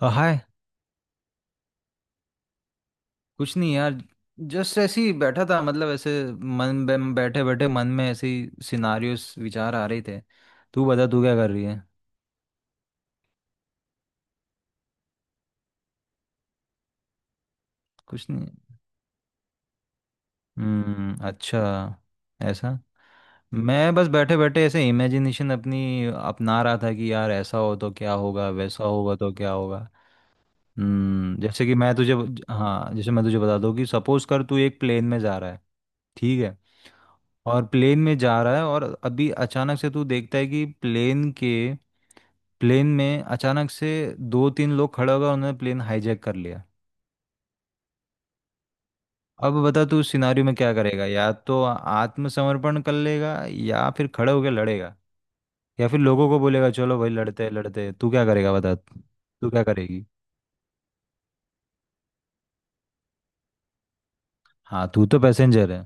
हाय। कुछ नहीं यार। जस्ट ऐसे ही बैठा था, मतलब ऐसे मन, बैठे बैठे मन में ऐसे ही सिनारियोस विचार आ रहे थे। तू बता, तू क्या कर रही है? कुछ नहीं। हम्म। अच्छा। ऐसा? मैं बस बैठे बैठे ऐसे इमेजिनेशन अपनी अपना रहा था कि यार ऐसा हो तो क्या होगा, वैसा होगा तो क्या होगा। हम्म। जैसे कि मैं तुझे। हाँ, जैसे मैं तुझे बता दूँ कि सपोज कर तू एक प्लेन में जा रहा है। ठीक है। और प्लेन में जा रहा है, और अभी अचानक से तू देखता है कि प्लेन में अचानक से दो तीन लोग खड़े हो गए, उन्होंने प्लेन हाईजैक कर लिया। अब बता, तू उस सिनारियो में क्या करेगा? या तो आत्मसमर्पण कर लेगा, या फिर खड़े होकर लड़ेगा, या फिर लोगों को बोलेगा चलो भाई लड़ते हैं लड़ते हैं, तू क्या करेगा? बता, तू क्या करेगी? हाँ, तू तो पैसेंजर है।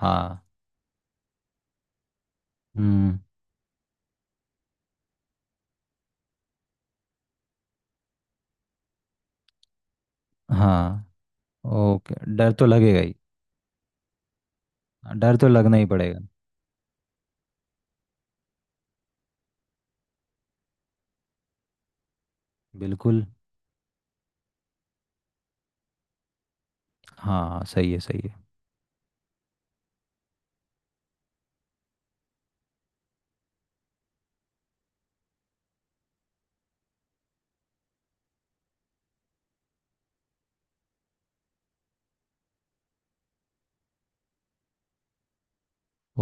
हाँ। हम्म। हाँ। ओके, डर तो लगेगा ही। डर तो लगना ही पड़ेगा। बिल्कुल। हाँ, सही है सही है।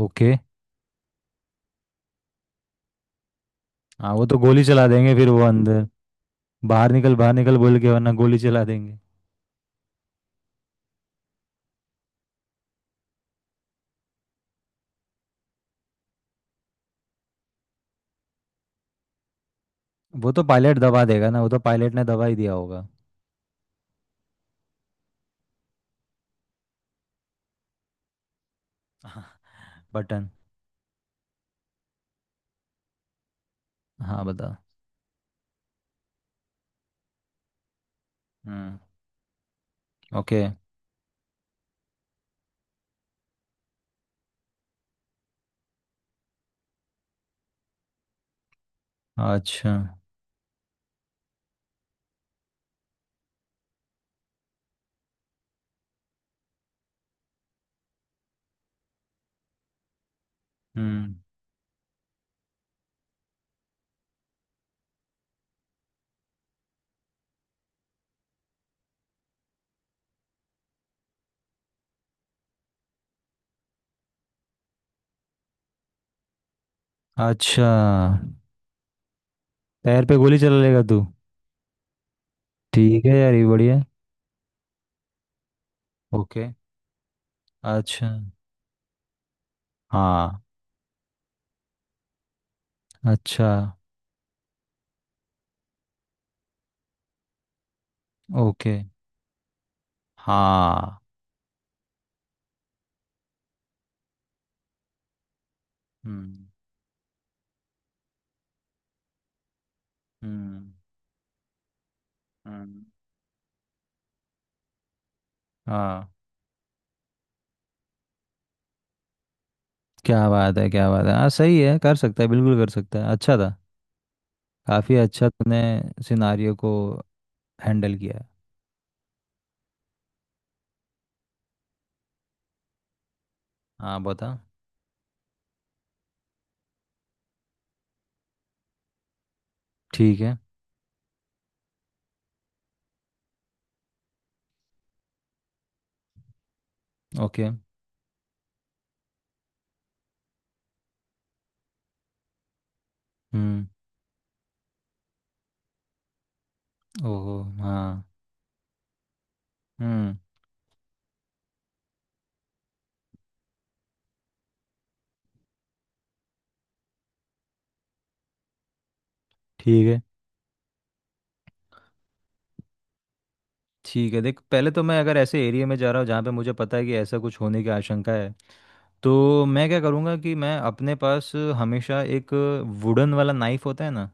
ओके। हाँ वो तो गोली चला देंगे, फिर वो अंदर। बाहर निकल बोल के, वरना गोली चला देंगे। वो तो पायलट दबा देगा ना, वो तो पायलट ने दबा ही दिया होगा। बटन। हाँ बता। हम्म। ओके। अच्छा। हम्म। अच्छा। पैर पे गोली चला लेगा तू? ठीक है यार, ये बढ़िया है। ओके। अच्छा। हाँ। अच्छा। ओके। हाँ। हम्म। हम्म। हम्म। हाँ। क्या बात है क्या बात है, हाँ सही है, कर सकता है, बिल्कुल कर सकता है, अच्छा था। काफ़ी अच्छा तूने सिनारियो को हैंडल किया है। हाँ बता। ठीक है। ओके। हम्म। ओहो हाँ। हम्म। ठीक है ठीक है। देख, पहले तो मैं अगर ऐसे एरिया में जा रहा हूँ जहाँ पे मुझे पता है कि ऐसा कुछ होने की आशंका है, तो मैं क्या करूँगा कि मैं अपने पास हमेशा एक वुडन वाला नाइफ होता है ना,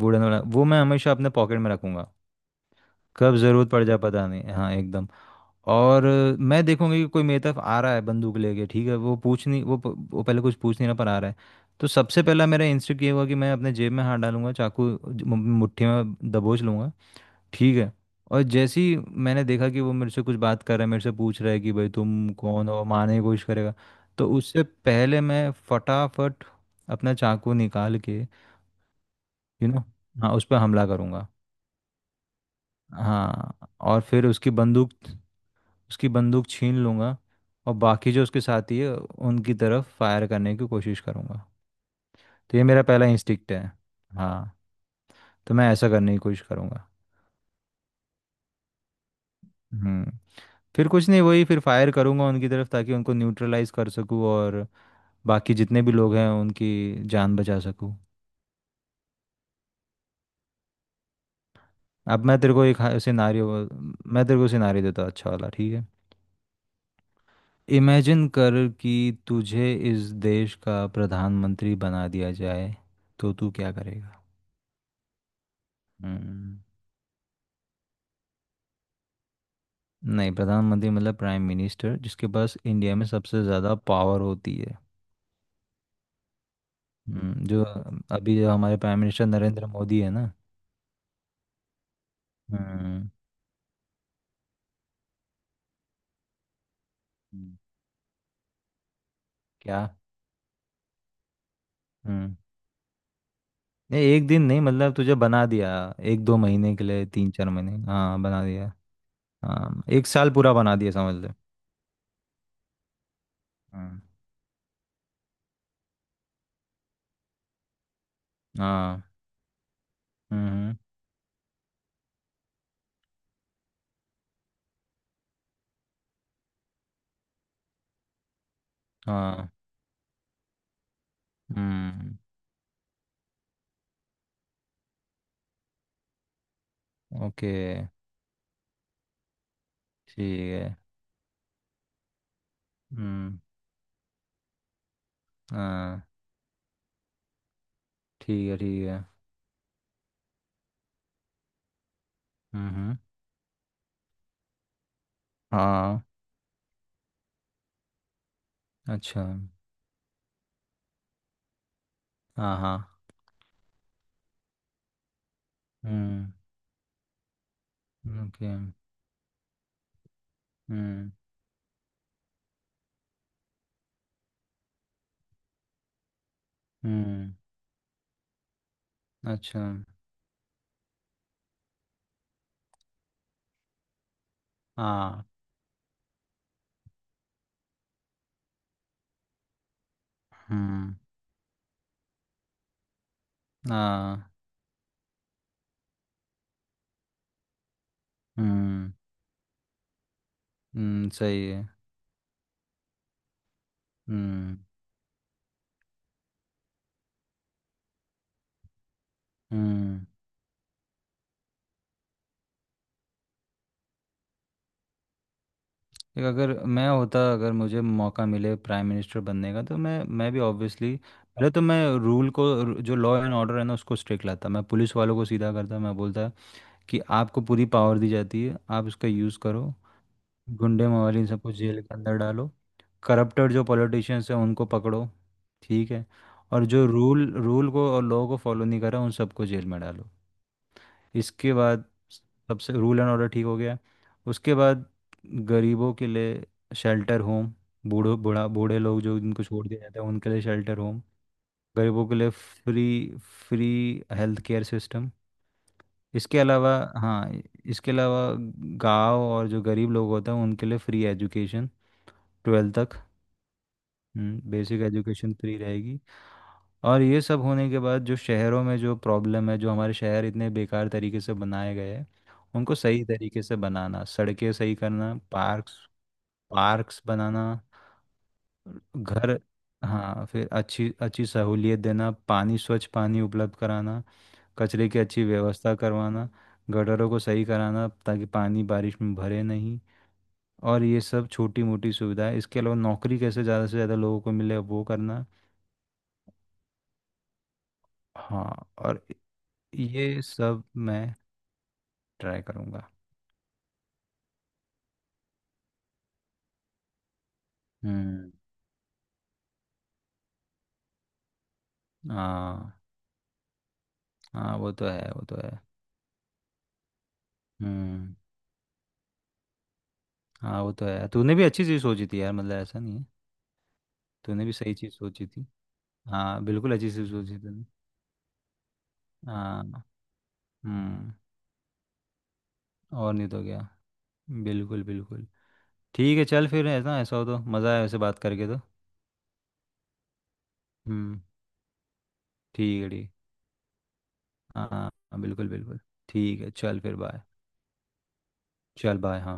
वुडन वाला वो मैं हमेशा अपने पॉकेट में रखूँगा। कब ज़रूरत पड़ जाए पता नहीं, हाँ एकदम। और मैं देखूंगी कि कोई मेरी तरफ आ रहा है बंदूक लेके, ठीक है? वो पूछ नहीं, वो पहले कुछ पूछ नहीं रहा पर आ रहा है। तो सबसे पहला मेरा इंस्टिंक्ट ये होगा कि मैं अपने जेब में हाथ डालूंगा, चाकू मुट्ठी में दबोच लूंगा। ठीक है। और जैसे ही मैंने देखा कि वो मेरे से कुछ बात कर रहा है, मेरे से पूछ रहा है कि भाई तुम कौन हो, मारने की कोशिश करेगा, तो उससे पहले मैं फटाफट अपना चाकू निकाल के, यू नो हाँ, उस पर हमला करूंगा। हाँ, और फिर उसकी बंदूक छीन लूँगा, और बाकी जो उसके साथी है उनकी तरफ फायर करने की कोशिश करूँगा। तो ये मेरा पहला इंस्टिक्ट है। हाँ, तो मैं ऐसा करने की कोशिश करूँगा। हम्म। फिर कुछ नहीं, वही फिर फायर करूँगा उनकी तरफ ताकि उनको न्यूट्रलाइज कर सकूँ, और बाकी जितने भी लोग हैं उनकी जान बचा सकूँ। अब सिनारियो मैं तेरे को सिनारियो देता हूँ, अच्छा वाला, ठीक है? इमेजिन कर कि तुझे इस देश का प्रधानमंत्री बना दिया जाए, तो तू क्या करेगा? हम्म। नहीं, प्रधानमंत्री मतलब प्राइम मिनिस्टर, जिसके पास इंडिया में सबसे ज़्यादा पावर होती है। जो अभी जो हमारे प्राइम मिनिस्टर नरेंद्र मोदी है ना। हम्म। हम्म। क्या? हम्म। नहीं एक दिन नहीं, मतलब तुझे बना दिया एक दो महीने के लिए, तीन चार महीने, हाँ बना दिया। हाँ, एक साल पूरा बना दिया समझ ले। हम्म। हाँ। हम्म। हाँ। हम्म। ओके। ठीक है। हम्म। हाँ। ठीक है ठीक है। हम्म। हाँ। अच्छा। हाँ हाँ। हम्म। ओके। हम्म। हम्म। अच्छा। हाँ। हम्म। हाँ। हम्म। सही है। हम्म। हम्म। देख, अगर मैं होता, अगर मुझे मौका मिले प्राइम मिनिस्टर बनने का, तो मैं भी ऑब्वियसली, पहले तो मैं जो लॉ एंड ऑर्डर है ना उसको स्ट्रिक्ट लाता, मैं पुलिस वालों को सीधा करता, मैं बोलता कि आपको पूरी पावर दी जाती है, आप इसका यूज़ करो। गुंडे मवाली, इन सबको जेल के अंदर डालो। करप्टेड जो पॉलिटिशियंस हैं उनको पकड़ो। ठीक है, और जो रूल रूल को और लॉ को फॉलो नहीं कर रहा उन सबको जेल में डालो। इसके बाद सबसे रूल एंड ऑर्डर ठीक हो गया, उसके बाद गरीबों के लिए शेल्टर होम, बूढ़ो बूढ़ा बूढ़े लोग जो जिनको छोड़ दिया जाता है उनके लिए शेल्टर होम, गरीबों के लिए free free health care system. इसके अलावा, हाँ, इसके अलावा गांव और जो गरीब लोग होते हैं उनके लिए फ्री एजुकेशन, ट्वेल्थ तक। हम्म, बेसिक एजुकेशन फ्री रहेगी। और ये सब होने के बाद जो शहरों में जो प्रॉब्लम है, जो हमारे शहर इतने बेकार तरीके से बनाए गए हैं, उनको सही तरीके से बनाना, सड़कें सही करना, पार्क्स पार्क्स बनाना, घर। हाँ फिर अच्छी अच्छी सहूलियत देना, पानी स्वच्छ पानी उपलब्ध कराना, कचरे की अच्छी व्यवस्था करवाना, गटरों को सही कराना ताकि पानी बारिश में भरे नहीं। और ये सब छोटी मोटी सुविधाएं, इसके अलावा नौकरी कैसे ज़्यादा से ज़्यादा लोगों को मिले वो करना। हाँ, और ये सब मैं ट्राई करूँगा। हम्म। हाँ। हाँ वो तो है, वो तो है। हम्म। हाँ वो तो है, तूने भी अच्छी चीज़ सोची थी यार, मतलब ऐसा नहीं है, तूने भी सही चीज़ सोची थी। हाँ बिल्कुल अच्छी चीज़ सोची थी। हाँ। हम्म। और नहीं तो क्या, बिल्कुल बिल्कुल। ठीक है, चल फिर, ऐसा ऐसा हो तो मज़ा आया वैसे, बात करके तो। हम्म। ठीक है, ठीक। हाँ हाँ, बिल्कुल बिल्कुल। ठीक है, चल फिर, बाय। चल बाय। हाँ।